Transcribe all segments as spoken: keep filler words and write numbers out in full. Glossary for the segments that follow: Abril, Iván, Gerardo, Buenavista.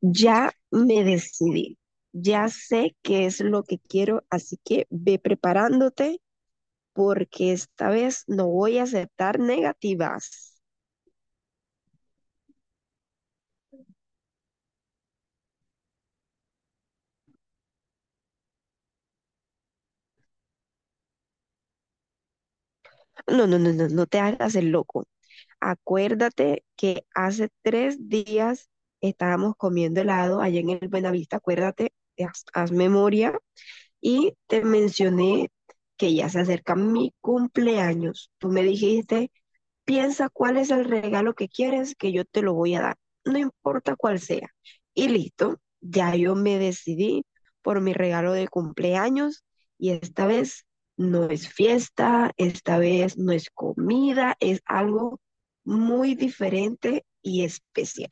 Ya me decidí, ya sé qué es lo que quiero, así que ve preparándote porque esta vez no voy a aceptar negativas. No, no, no, no, no te hagas el loco. Acuérdate que hace tres días estábamos comiendo helado allá en el Buenavista, acuérdate, haz, haz memoria y te mencioné que ya se acerca mi cumpleaños. Tú me dijiste, piensa cuál es el regalo que quieres que yo te lo voy a dar, no importa cuál sea. Y listo, ya yo me decidí por mi regalo de cumpleaños y esta vez no es fiesta, esta vez no es comida, es algo muy diferente y especial.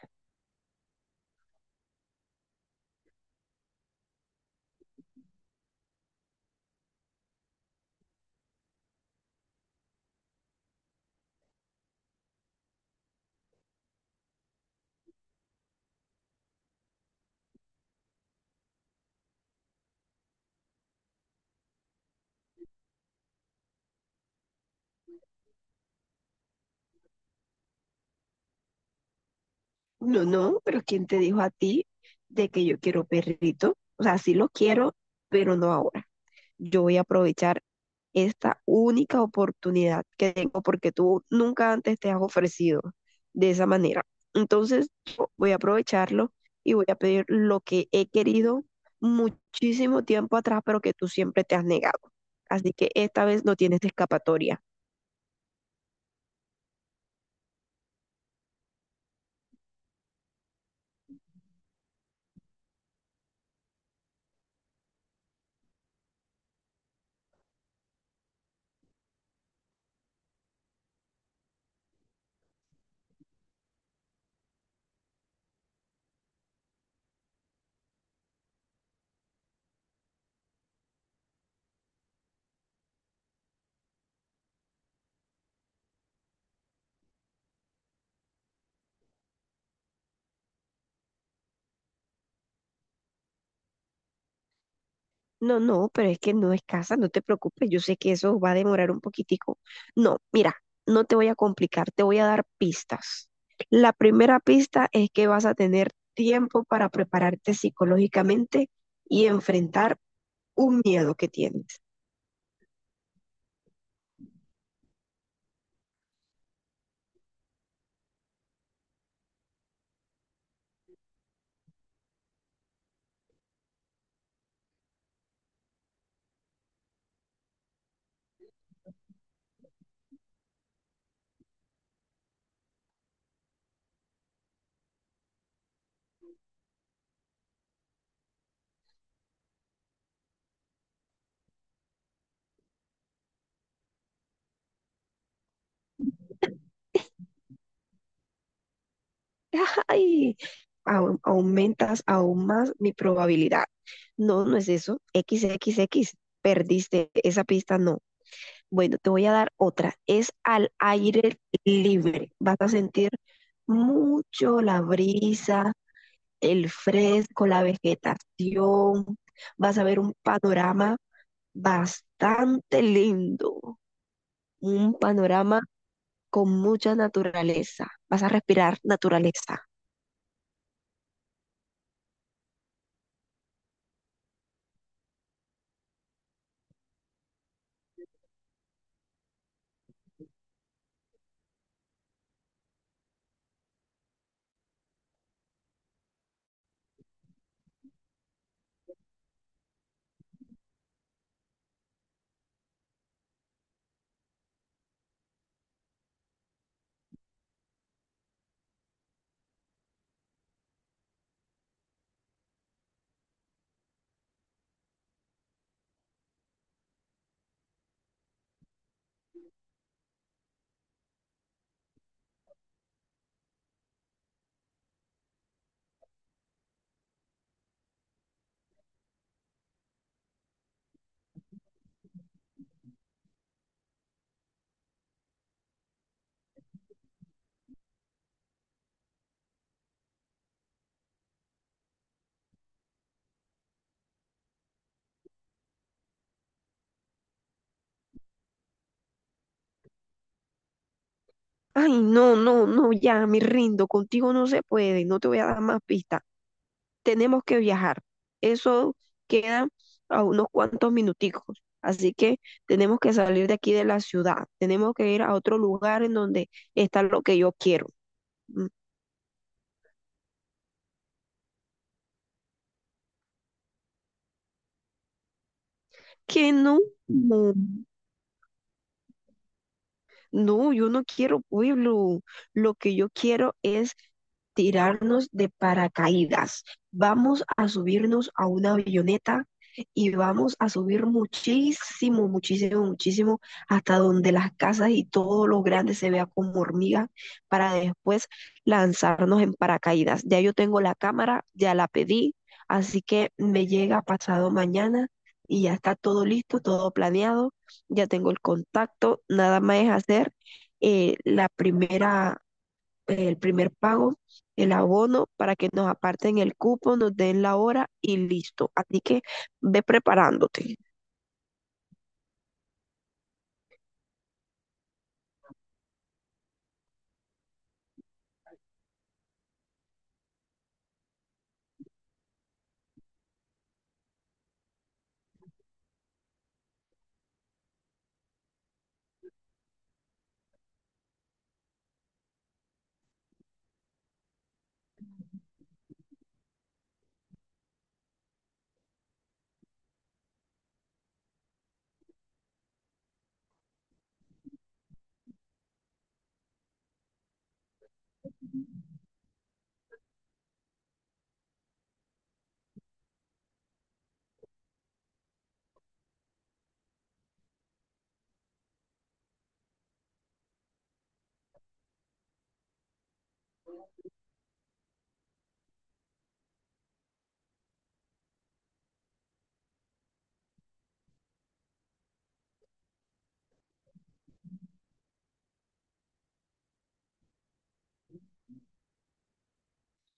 No, no, pero ¿quién te dijo a ti de que yo quiero perrito? O sea, sí lo quiero, pero no ahora. Yo voy a aprovechar esta única oportunidad que tengo porque tú nunca antes te has ofrecido de esa manera. Entonces, yo voy a aprovecharlo y voy a pedir lo que he querido muchísimo tiempo atrás, pero que tú siempre te has negado. Así que esta vez no tienes escapatoria. No, no, pero es que no es casa, no te preocupes, yo sé que eso va a demorar un poquitico. No, mira, no te voy a complicar, te voy a dar pistas. La primera pista es que vas a tener tiempo para prepararte psicológicamente y enfrentar un miedo que tienes. ¡Ay! Au- aumentas aún más mi probabilidad. No, no es eso. XXX, perdiste esa pista, no. Bueno, te voy a dar otra. Es al aire libre. Vas a sentir mucho la brisa, el fresco, la vegetación. Vas a ver un panorama bastante lindo. Un panorama con mucha naturaleza. Vas a respirar naturaleza. Ay, no, no, no, ya me rindo. Contigo no se puede. No te voy a dar más pistas. Tenemos que viajar. Eso queda a unos cuantos minuticos. Así que tenemos que salir de aquí de la ciudad. Tenemos que ir a otro lugar en donde está lo que yo quiero. Mm, ¿Que no? No. No, yo no quiero pueblo. Lo que yo quiero es tirarnos de paracaídas. Vamos a subirnos a una avioneta y vamos a subir muchísimo, muchísimo, muchísimo hasta donde las casas y todo lo grande se vea como hormigas para después lanzarnos en paracaídas. Ya yo tengo la cámara, ya la pedí, así que me llega pasado mañana y ya está todo listo, todo planeado. Ya tengo el contacto, nada más es hacer eh, la primera, el primer pago, el abono para que nos aparten el cupo, nos den la hora y listo. Así que ve preparándote.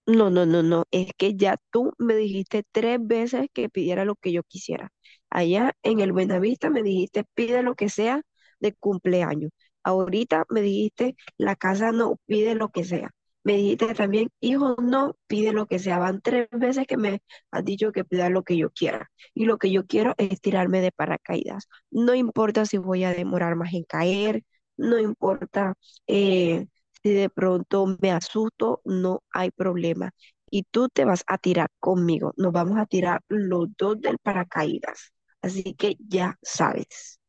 No, no, no, no. Es que ya tú me dijiste tres veces que pidiera lo que yo quisiera. Allá en el Buenavista me dijiste, pide lo que sea de cumpleaños. Ahorita me dijiste, la casa no, pide lo que sea. Me dijiste también, hijo no, pide lo que sea. Van tres veces que me has dicho que pida lo que yo quiera. Y lo que yo quiero es tirarme de paracaídas. No importa si voy a demorar más en caer. No importa. eh, si de pronto me asusto, no hay problema. Y tú te vas a tirar conmigo. Nos vamos a tirar los dos del paracaídas. Así que ya sabes.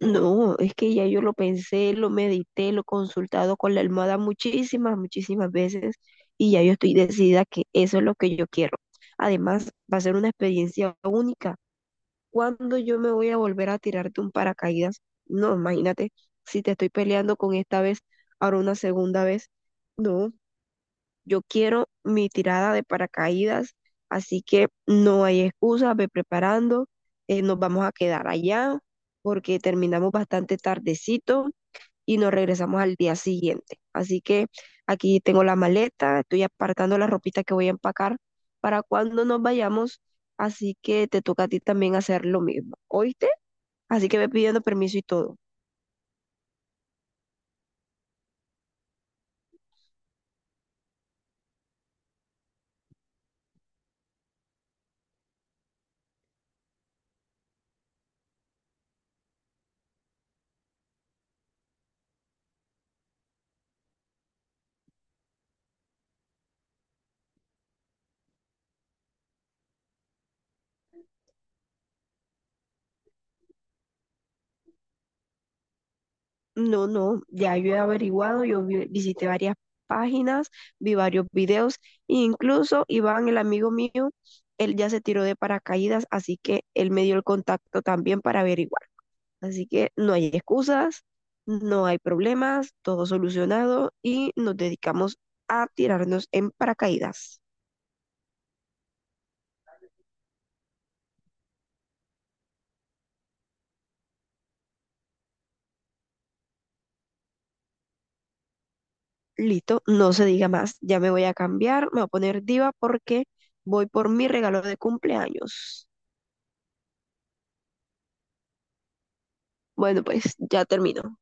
No, es que ya yo lo pensé, lo medité, lo he consultado con la almohada muchísimas, muchísimas veces y ya yo estoy decidida que eso es lo que yo quiero. Además, va a ser una experiencia única. ¿Cuándo yo me voy a volver a tirar de un paracaídas? No, imagínate, si te estoy peleando con esta vez, ahora una segunda vez. No, yo quiero mi tirada de paracaídas, así que no hay excusa, ve preparando, eh, nos vamos a quedar allá porque terminamos bastante tardecito y nos regresamos al día siguiente. Así que aquí tengo la maleta, estoy apartando la ropita que voy a empacar para cuando nos vayamos, así que te toca a ti también hacer lo mismo, ¿oíste? Así que ve pidiendo permiso y todo. No, no, ya yo he averiguado, yo vi- visité varias páginas, vi varios videos, incluso Iván, el amigo mío, él ya se tiró de paracaídas, así que él me dio el contacto también para averiguar. Así que no hay excusas, no hay problemas, todo solucionado y nos dedicamos a tirarnos en paracaídas. Listo, no se diga más. Ya me voy a cambiar, me voy a poner diva porque voy por mi regalo de cumpleaños. Bueno, pues ya termino.